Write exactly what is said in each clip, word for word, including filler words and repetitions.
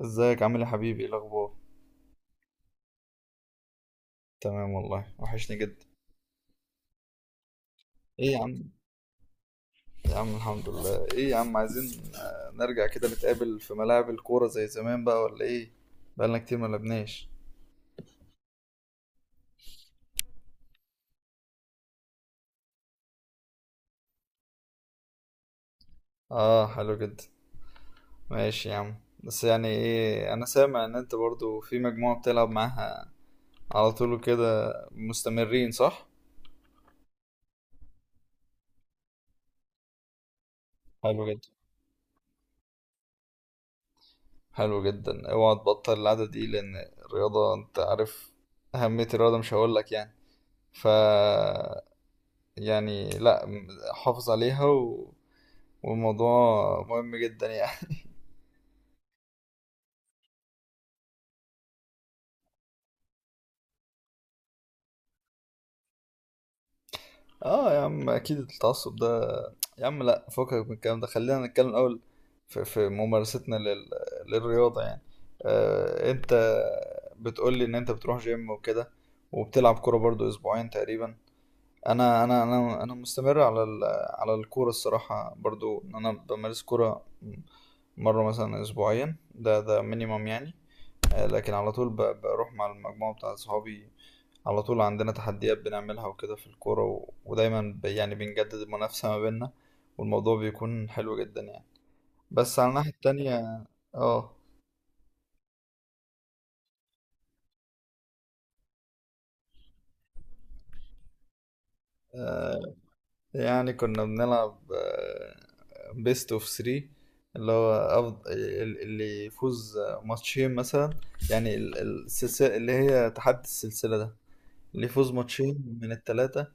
ازيك؟ عامل ايه يا حبيبي؟ ايه الاخبار؟ تمام والله، وحشني جدا. ايه يا عم، يا عم الحمد لله. ايه يا عم، عايزين آه، نرجع كده نتقابل في ملاعب الكورة زي زمان بقى، ولا ايه؟ بقالنا كتير ما لعبناش. اه، حلو جدا. ماشي يا عم. بس يعني ايه، انا سامع ان انت برضو في مجموعة بتلعب معاها على طول كده، مستمرين، صح؟ حلو جدا. حلو جدا، اوعى تبطل العادة دي، لان الرياضة انت عارف أهمية الرياضة، مش هقولك يعني. ف يعني لا م- حافظ عليها و... والموضوع مهم جدا يعني. اه يا عم، اكيد التعصب ده. يا عم لا، فكك من الكلام ده، خلينا نتكلم الاول في، في ممارستنا لل... للرياضة يعني. آه، انت بتقولي ان انت بتروح جيم وكده، وبتلعب كورة برضو اسبوعين تقريبا. انا انا انا انا مستمر على ال... على الكورة الصراحة، برضو ان انا بمارس كورة مرة مثلا اسبوعيا، ده ده مينيمم يعني. لكن على طول ب- بروح مع المجموعة بتاع صحابي على طول. عندنا تحديات بنعملها وكده في الكورة و... ودايما ب... يعني بنجدد المنافسة ما بيننا، والموضوع بيكون حلو جدا يعني. بس على الناحية التانية. اه. آه، يعني كنا بنلعب بيست اوف تلاتة، اللي هو أفضل، اللي يفوز ماتشين مثلا. يعني ال- السلسلة، اللي هي تحدي السلسلة ده، ليه فوز ماتشين من التلاتة.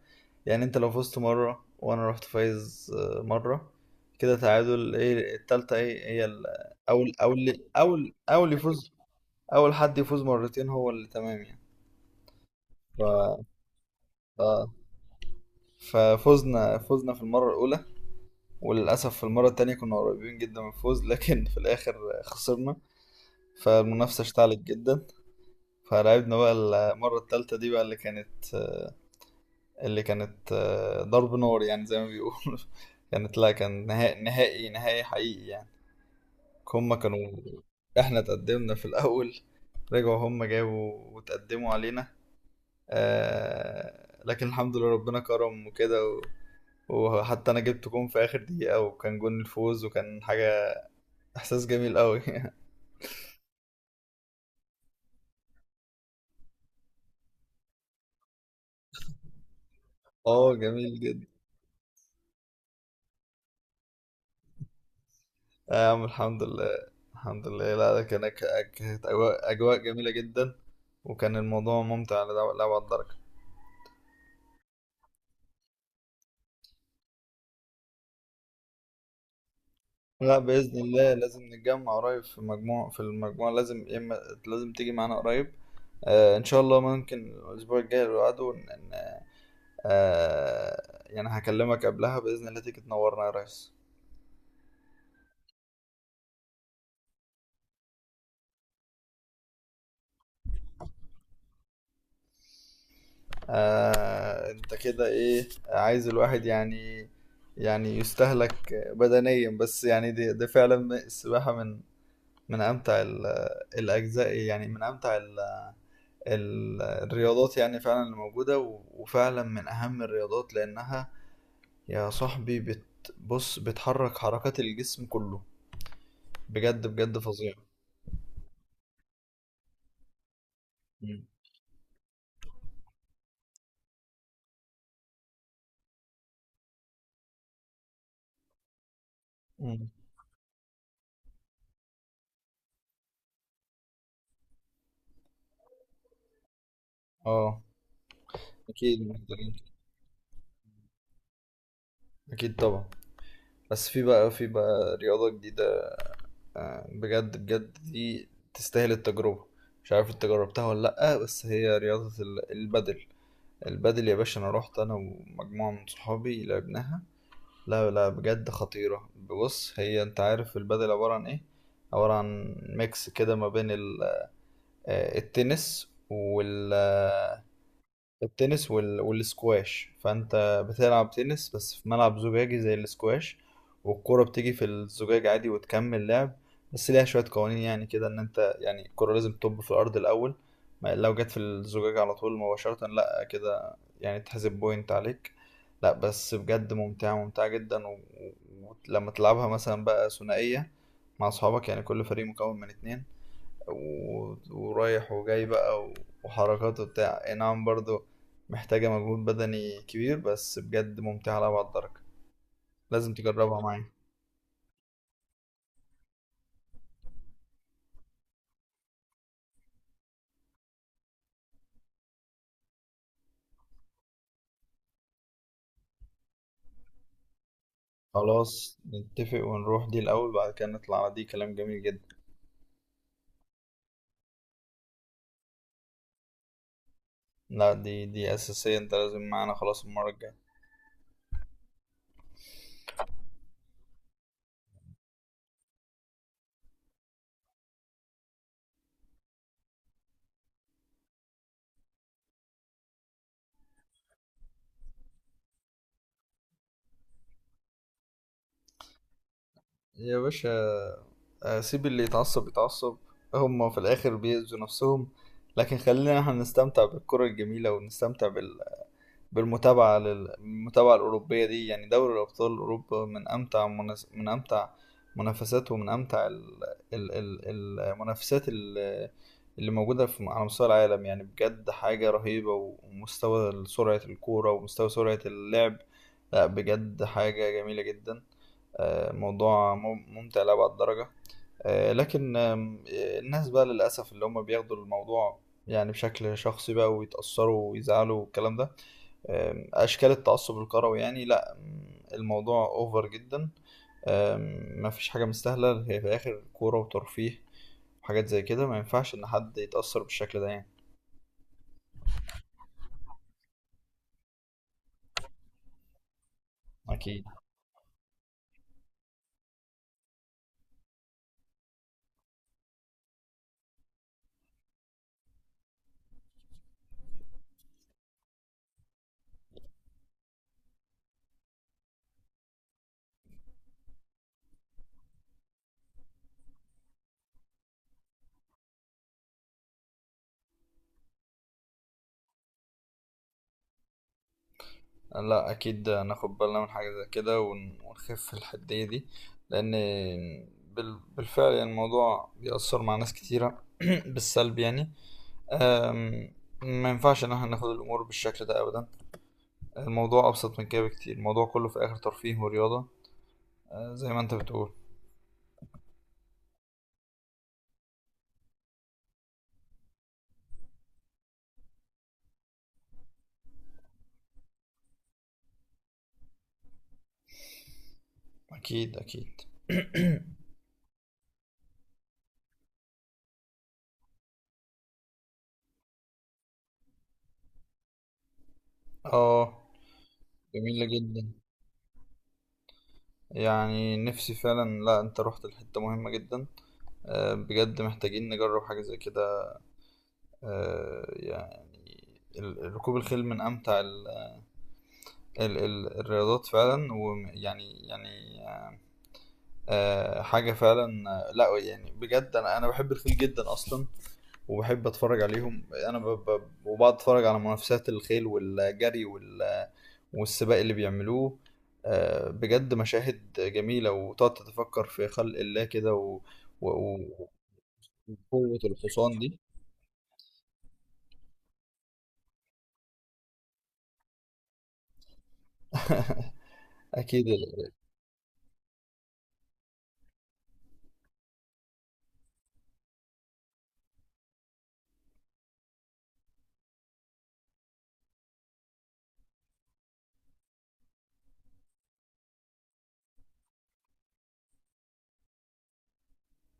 يعني انت لو فزت مرة، وانا رحت فايز آه، مرة، كده تعادل، ايه التالتة؟ ايه هي ال- اول اول اول اول يفوز، اول حد يفوز مرتين هو اللي تمام يعني. ف... ف... ففزنا فزنا في المرة الأولى، وللأسف في المرة التانية كنا قريبين جدا من الفوز، لكن في الآخر خسرنا. فالمنافسة اشتعلت جدا. فلعبنا بقى المرة التالتة دي بقى، اللي كانت آه، اللي كانت آه، ضرب نار يعني، زي ما بيقولوا. كانت، لا، كان نهائي نهائي نهائي حقيقي يعني. هما كانوا، احنا تقدمنا في الأول، رجعوا هما جابوا وتقدموا علينا. آه، لكن الحمد لله ربنا كرم وكده و... وحتى انا جبت جون في اخر دقيقة، وكان جون الفوز، وكان حاجة، احساس جميل قوي. اه، جميل جدا. آه يا عم، الحمد لله، الحمد لله. لا ده كان- كانت اجواء، أجواء جميلة جدا، وكان الموضوع ممتع لأبعد درجة. لا بإذن الله، لازم نتجمع قريب في مجموعة، في المجموعة لازم يا إما، لازم تيجي معانا قريب. آه، إن شاء الله، ممكن الأسبوع الجاي اللي بعده ن- ن- آه، يعني هكلمك قبلها بإذن الله، تيجي تنورنا يا ريس. آه أنت كده، إيه عايز الواحد يعني؟ يعني يستهلك بدنيا؟ بس يعني دي, دي فعلا السباحة من من أمتع ال- الأجزاء، يعني من أمتع ال ال- الرياضات يعني فعلا اللي موجودة، و- وفعلا من أهم الرياضات، لأنها يا صاحبي بت... بص، بتحرك حركات الجسم كله، بجد بجد فظيع. مم. مم. اه اكيد، محتاجين، اكيد طبعا. بس في بقى، في بقى رياضة جديدة، آه، بجد بجد دي تستاهل التجربة. مش عارف انت جربتها ولا لأ، بس هي رياضة ال- البدل. البدل يا باشا، انا رحت انا ومجموعة من صحابي لعبناها. لا لا بجد خطيرة. بص، هي انت عارف البدل عبارة عن ايه؟ عبارة عن ميكس كده ما بين آه، التنس وال آه، التنس وال... والسكواش. فانت بتلعب تنس بس في ملعب زجاجي زي السكواش، والكرة بتيجي في الزجاج عادي وتكمل لعب. بس ليها شوية قوانين يعني كده، ان انت يعني الكرة لازم تطب في الارض الاول، ما لو جت في الزجاج على طول مباشرة لا كده، يعني تحسب بوينت عليك. لا بس بجد ممتعة، ممتعة جدا و- و- ولما تلعبها مثلا بقى ثنائية مع أصحابك، يعني كل فريق مكون من اتنين، و... ورايح وجاي بقى و... وحركات وبتاع، اي نعم برضو محتاجة مجهود بدني كبير، بس بجد ممتعة على بعض الدرجة. لازم تجربها معايا. خلاص نتفق ونروح دي الأول، بعد كده نطلع على دي، كلام جميل جدا. لا دي دي أساسية، انت لازم معانا، خلاص المرة الجاية. يا باشا، آه، سيب اللي يتعصب يتعصب، هما في الآخر بيأذوا نفسهم. لكن خلينا احنا نستمتع بالكرة الجميلة، ونستمتع بال بالمتابعة، للمتابعة الأوروبية دي. يعني دوري أبطال أوروبا من أمتع منس... من أمتع منافسات، ومن أمتع ال... ال... ال... المنافسات ال- اللي موجودة في... على مستوى العالم، يعني بجد حاجة رهيبة. ومستوى سرعة الكورة، ومستوى سرعة اللعب، لا بجد حاجة جميلة جدا. آه، موضوع مم- ممتع لأبعد درجة. آه، لكن آم، آه، الناس بقى للأسف اللي هم بياخدوا الموضوع يعني بشكل شخصي بقى، ويتأثروا ويزعلوا والكلام ده. أم، اشكال التعصب الكروي يعني، لا أم، الموضوع اوفر جدا. أم، مفيش حاجه مستاهله، هي في الاخر كوره وترفيه وحاجات زي كده، ما ينفعش ان حد يتاثر بالشكل ده يعني. أكيد. لا اكيد، ناخد بالنا من حاجه زي كده، ون- ونخف الحديه دي، لان بال- بالفعل يعني الموضوع بيأثر مع ناس كتيره بالسلب يعني. أم، ما ينفعش ان احنا ناخد الامور بالشكل ده ابدا، الموضوع ابسط من كده بكتير، الموضوع كله في الاخر ترفيه ورياضه، أه، زي ما انت بتقول. أكيد أكيد. آه، جميلة جدا. يعني نفسي فعلا، لا، أنت رحت لحتة مهمة جدا، آه، بجد محتاجين نجرب حاجة زي كده. آه، يعني ال- ركوب الخيل من أمتع ال- ال- ال- الرياضات فعلا، ويعني يعني يعني، آه، حاجة فعلا، آه، لا يعني بجد أنا أنا بحب الخيل جدا أصلا، وبحب اتفرج عليهم. انا ب... ب... وبقعد اتفرج على منافسات الخيل والجري وال... والسباق اللي بيعملوه. آه، بجد مشاهد جميلة، وتقعد تتفكر في خلق الله كده و... و... و... وقوة الحصان دي. أكيد ال-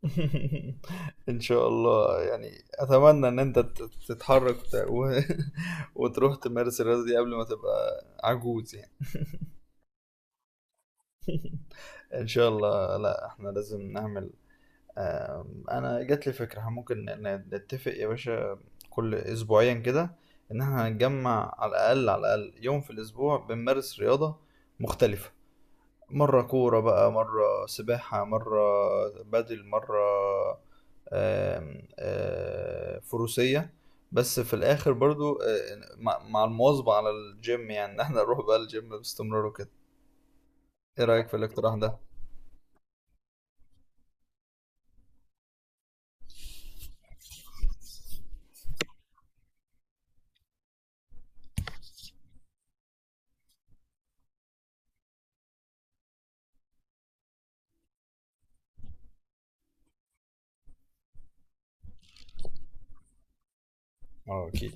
إن شاء الله، يعني أتمنى إن أنت تت- تتحرك وت- و... وتروح تمارس الرياضة دي قبل ما تبقى عجوز يعني. إن شاء الله، لا إحنا لازم نعمل، آم، انا جات لي فكره، احنا ممكن ن- نتفق يا باشا كل اسبوعيا كده، ان احنا هنجمع على الاقل، على الاقل يوم في الاسبوع بنمارس رياضه مختلفه، مره كوره بقى، مره سباحه، مره بدل، مره آم، آه، فروسيه، بس في الاخر برضو آه، مع مع المواظبه على الجيم، يعني ان احنا نروح بقى الجيم باستمرار وكده. ايه رايك في الاقتراح ده؟ اه اكيد.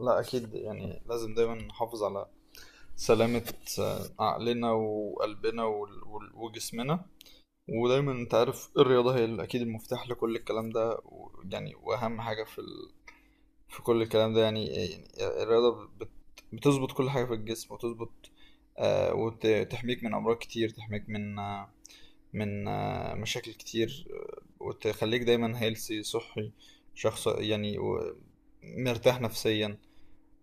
لا اكيد يعني، لازم دايما نحافظ على سلامة آه، عقلنا وقلبنا وال- وال- وجسمنا. ودايما انت عارف الرياضة هي ال- اكيد المفتاح لكل الكلام ده، و- يعني واهم حاجة في ال... في كل الكلام ده يعني، آه، يعني الرياضة بت... بتظبط كل حاجة في الجسم، وتظبط آه، وتحميك من امراض كتير، تحميك من آه، من آه، مشاكل كتير، آه، وتخليك دايما هيلثي، صحي، شخص يعني و- مرتاح نفسيا.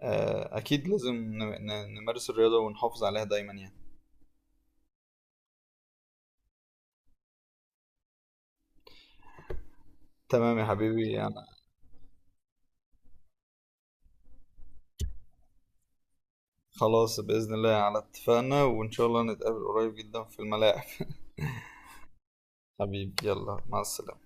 آه اكيد، لازم ن- ن- نمارس الرياضة ونحافظ عليها دايما يعني. تمام يا حبيبي، انا خلاص بإذن الله على اتفاقنا، وإن شاء الله نتقابل قريب جدا في الملاعب. حبيبي، يلا، مع السلامة.